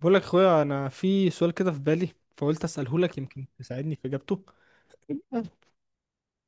بقول لك اخويا، انا في سؤال كده في بالي فقلت اساله لك يمكن تساعدني في اجابته.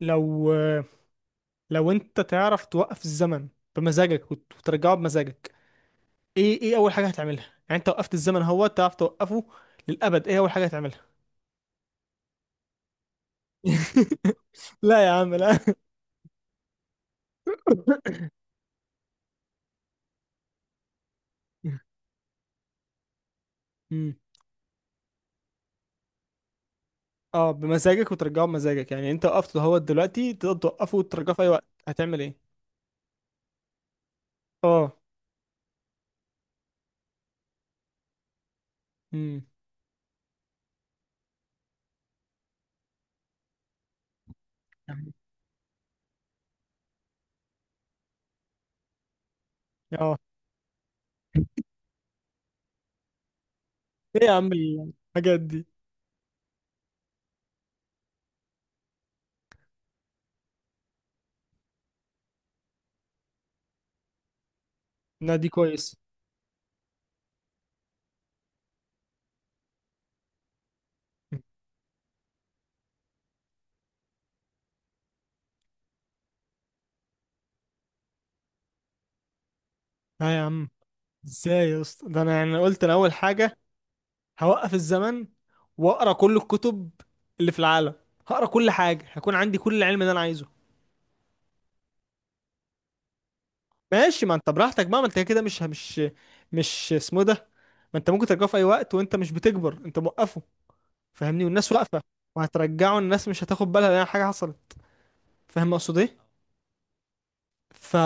لو لو انت تعرف توقف الزمن بمزاجك وترجعه بمزاجك، ايه اول حاجه هتعملها؟ يعني انت وقفت الزمن اهو، تعرف توقفه للابد. ايه اول حاجه هتعملها؟ لا يا عم، لا. امم. اه، بمزاجك وترجعه بمزاجك، يعني انت وقفته اهو دلوقتي، تقدر توقفه وترجعه في اي وقت. هتعمل ايه؟ اه. امم. اه. ايه يا عم الحاجات دي. لا، دي كويس. لا يا عم. ازاي يا اسطى؟ ده انا يعني قلت انا اول حاجه، هوقف الزمن واقرا كل الكتب اللي في العالم. هقرا كل حاجه، هيكون عندي كل العلم اللي انا عايزه. ماشي، ما انت براحتك بقى، ما انت كده مش اسمه ده. ما انت ممكن ترجعه في اي وقت وانت مش بتكبر، انت موقفه، فاهمني؟ والناس واقفه، وهترجعه الناس مش هتاخد بالها لان حاجه حصلت. فاهم اقصد ايه؟ ف...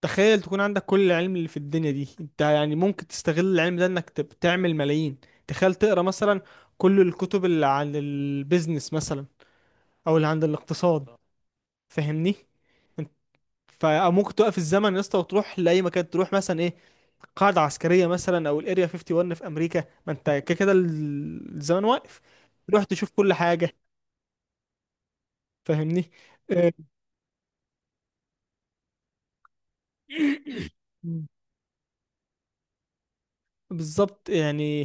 تخيل تكون عندك كل العلم اللي في الدنيا دي، انت يعني ممكن تستغل العلم ده انك تعمل ملايين. تخيل تقرا مثلا كل الكتب اللي عن البيزنس مثلا، او اللي عن الاقتصاد. فاهمني؟ انت- فممكن توقف الزمن يا اسطى وتروح لاي مكان، تروح مثلا ايه؟ قاعده عسكريه مثلا، او الاريا 51 في امريكا، ما انت كده كده الزمن واقف. تروح تشوف كل حاجه، فاهمني؟ اه، بالظبط يعني.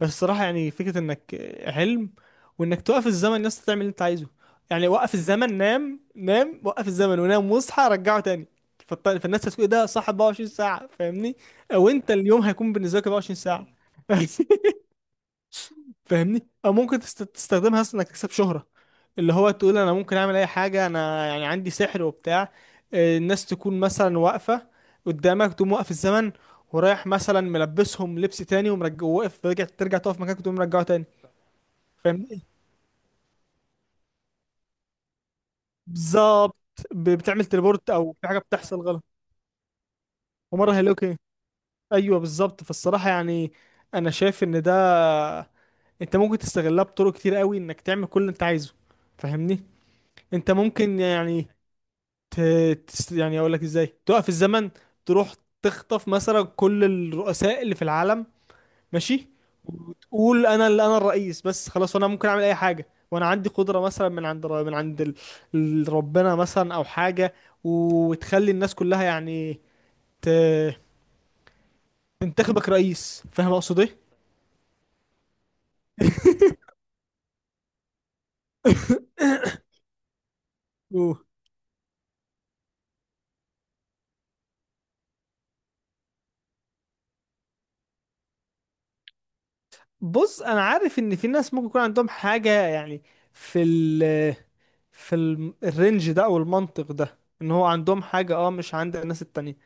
بس الصراحة يعني فكرة انك علم، وانك توقف الزمن الناس تعمل اللي انت عايزه، يعني وقف الزمن نام نام، وقف الزمن ونام واصحى رجعه تاني. فالناس هتقول إيه ده؟ صح 24 ساعة، فاهمني؟ او انت، اليوم هيكون بالنسبة لك 24 ساعة. فاهمني؟ او ممكن تستخدمها اصلا انك تكسب شهرة، اللي هو تقول انا ممكن اعمل اي حاجة، انا يعني عندي سحر وبتاع. الناس تكون مثلا واقفة قدامك، تقوم واقف الزمن، ورايح مثلا ملبسهم لبس تاني، ومرجع واقف رجع، ترجع تقف مكانك وتقوم مرجعه تاني. فاهمني. بالظبط. بتعمل تليبورت او في حاجة بتحصل غلط. ومرة هيلوكي. ايوه بالظبط. فالصراحة يعني، انا شايف ان ده، انت ممكن تستغلها بطرق كتير قوي انك تعمل كل اللي انت عايزه. فاهمني؟ انت ممكن يعني، ت... يعني اقول لك ازاي توقف الزمن، تروح تخطف مثلا كل الرؤساء اللي في العالم. ماشي. وتقول انا اللي انا الرئيس بس، خلاص انا ممكن اعمل اي حاجه، وانا عندي قدره مثلا من عند ربنا مثلا او حاجه، وتخلي الناس كلها يعني ت... تنتخبك رئيس. فاهم اقصد ايه؟ أوه. بص، انا عارف ان في ناس ممكن يكون عندهم حاجه يعني، في ال في الرينج ده او المنطق ده، ان هو عندهم حاجه، اه مش عند الناس التانية.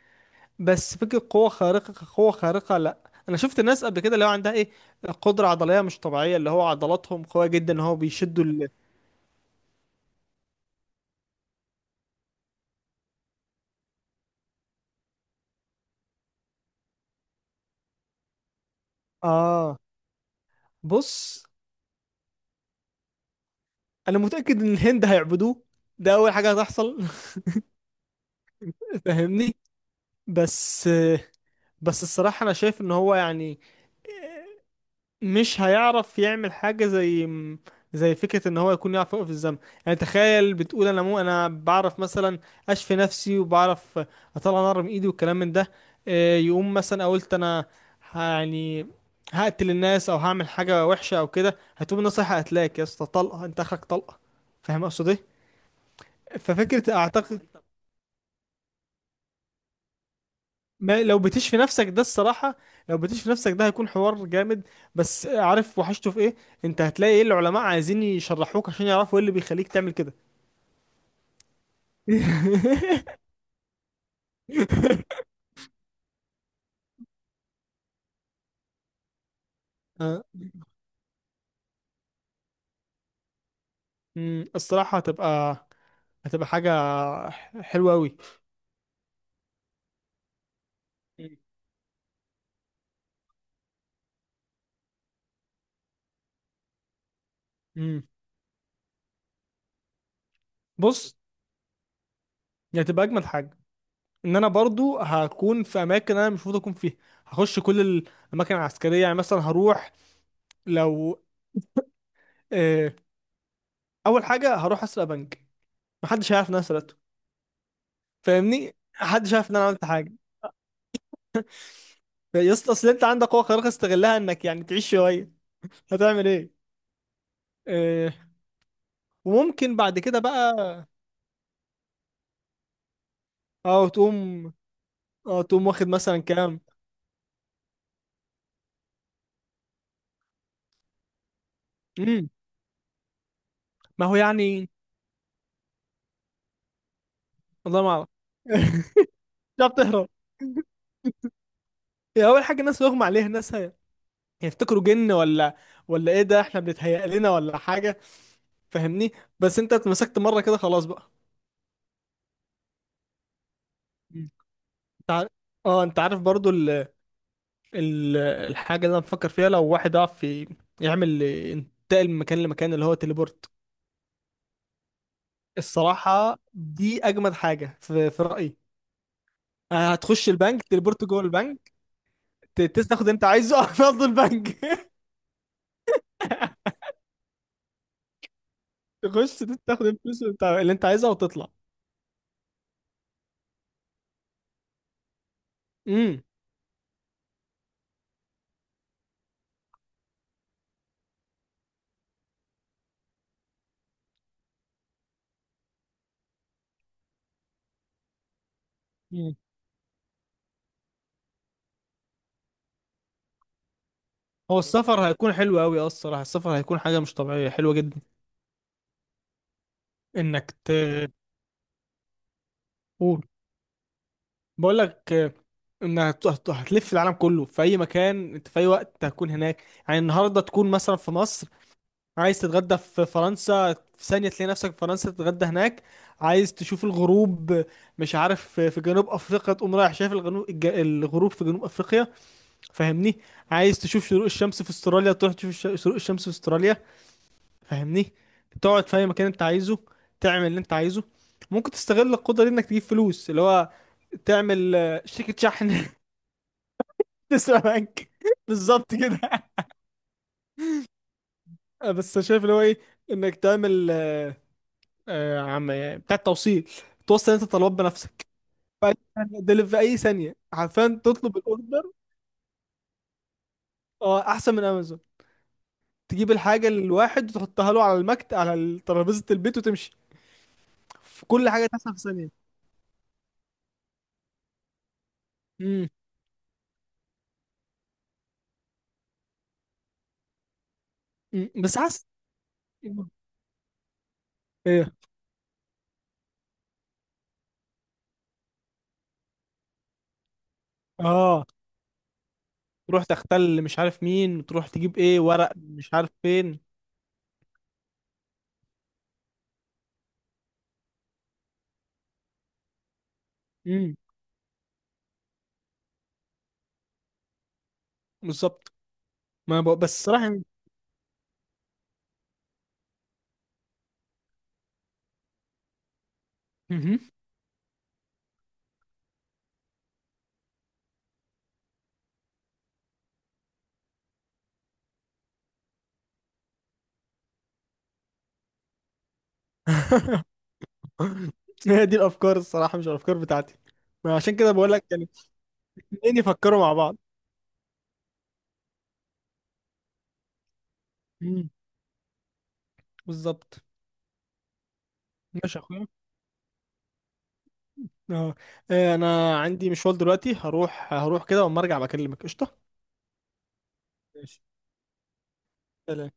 بس فكرة قوة خارقة، قوة خارقة، لا. انا شفت ناس قبل كده اللي هو عندها ايه، قدرة عضلية مش طبيعية، اللي هو عضلاتهم قوية جدا ان هو بيشدوا اه. بص، انا متأكد ان الهند هيعبدوه، ده اول حاجة هتحصل. فاهمني. بس بس الصراحة، انا شايف ان هو يعني، مش هيعرف يعمل حاجة زي فكرة ان هو يكون يعرف يوقف الزمن. يعني تخيل بتقول انا، مو انا بعرف مثلا اشفي نفسي، وبعرف اطلع نار من ايدي والكلام من ده. يقوم مثلا أنا قلت انا يعني هقتل الناس او هعمل حاجة وحشة او كده، هتقوم الناس رايحة قتلاك يا اسطى، طلقة، انت اخرك طلقة. فاهم اقصد ايه؟ ففكرة، اعتقد. ما لو بتشفي نفسك ده، الصراحة، لو بتشفي نفسك ده هيكون حوار جامد. بس عارف وحشته في ايه؟ انت هتلاقي ايه، العلماء عايزين يشرحوك عشان يعرفوا ايه اللي بيخليك تعمل كده. آه، أمم، الصراحة هتبقى حاجة حلوة أوي. أمم. بص، هي هتبقى أجمد حاجة، إن أنا برضو هكون في أماكن أنا مش المفروض أكون فيها. هخش كل الأماكن العسكرية، يعني مثلا هروح، لو، آه، أول حاجة هروح أسرق بنك، محدش هيعرف إن أنا سرقته. فاهمني. حد شاف ان انا عملت حاجه؟ يا اسطى، اصل انت عندك قوه خارقه، استغلها انك يعني تعيش شويه. هتعمل ايه؟ آه. وممكن بعد كده بقى، اه تقوم واخد مثلا كام. امم ما هو يعني. والله ما اعرف. مش هتعرف تهرب. هي اول حاجه الناس بيغمى عليها، الناس هيفتكروا جن، ولا ايه ده، احنا بنتهيأ لنا ولا حاجه؟ فاهمني. بس انت اتمسكت مره كده، خلاص بقى. مم. انت عارف. اه، انت عارف برضو، الحاجة اللي أنا بفكر فيها، لو واحد يعرف يعمل ينتقل من مكان لمكان، اللي هو تليبورت. الصراحة دي أجمد حاجة في رأيي. هتخش البنك، تليبورت جوه البنك، تاخد اللي أنت عايزه على أرض البنك. تخش تاخد الفلوس اللي أنت عايزها وتطلع. امم. أمم. هو السفر هيكون حلو أوي. الصراحة السفر هيكون حاجة مش طبيعية حلوة جدا. إنك قول. بقول لك ان هتلف العالم كله، في اي مكان انت، في اي وقت هتكون هناك. يعني النهارده تكون مثلا في مصر، عايز تتغدى في فرنسا، في ثانيه تلاقي نفسك في فرنسا تتغدى هناك. عايز تشوف الغروب، مش عارف في جنوب افريقيا، تقوم رايح شايف الغروب في جنوب افريقيا. فاهمني. عايز تشوف شروق الشمس في استراليا، تروح تشوف شروق الشمس في استراليا. فاهمني؟ تقعد في اي مكان انت عايزه، تعمل اللي انت عايزه. ممكن تستغل القدره دي انك تجيب فلوس، اللي هو تعمل، شركة شحن. تسلا بنك. بالظبط كده. بس شايف اللي هو ايه، انك تعمل، عم يعني بتاع التوصيل، توصل انت طلبات بنفسك، في اي ثانيه، عارفين تطلب الاوردر. اه، احسن من امازون. تجيب الحاجه للواحد وتحطها له على ترابيزه البيت وتمشي. في كل حاجه تحصل في ثانيه. امم. أمم. بس حاسس. ايه. اه. تروح تختل مش عارف مين، وتروح تجيب ايه، ورق مش عارف فين. امم. بالظبط. ما بق... بس الصراحه يعني. مهم. هي دي الافكار الصراحه، مش الافكار بتاعتي، ما عشان كده بقول لك يعني. اتنين يفكروا مع بعض. مم. بالظبط. ماشي يا اخويا. اه. انا عندي مشوار دلوقتي، هروح هروح كده، واما ارجع بكلمك قشطه. ماشي. سلام.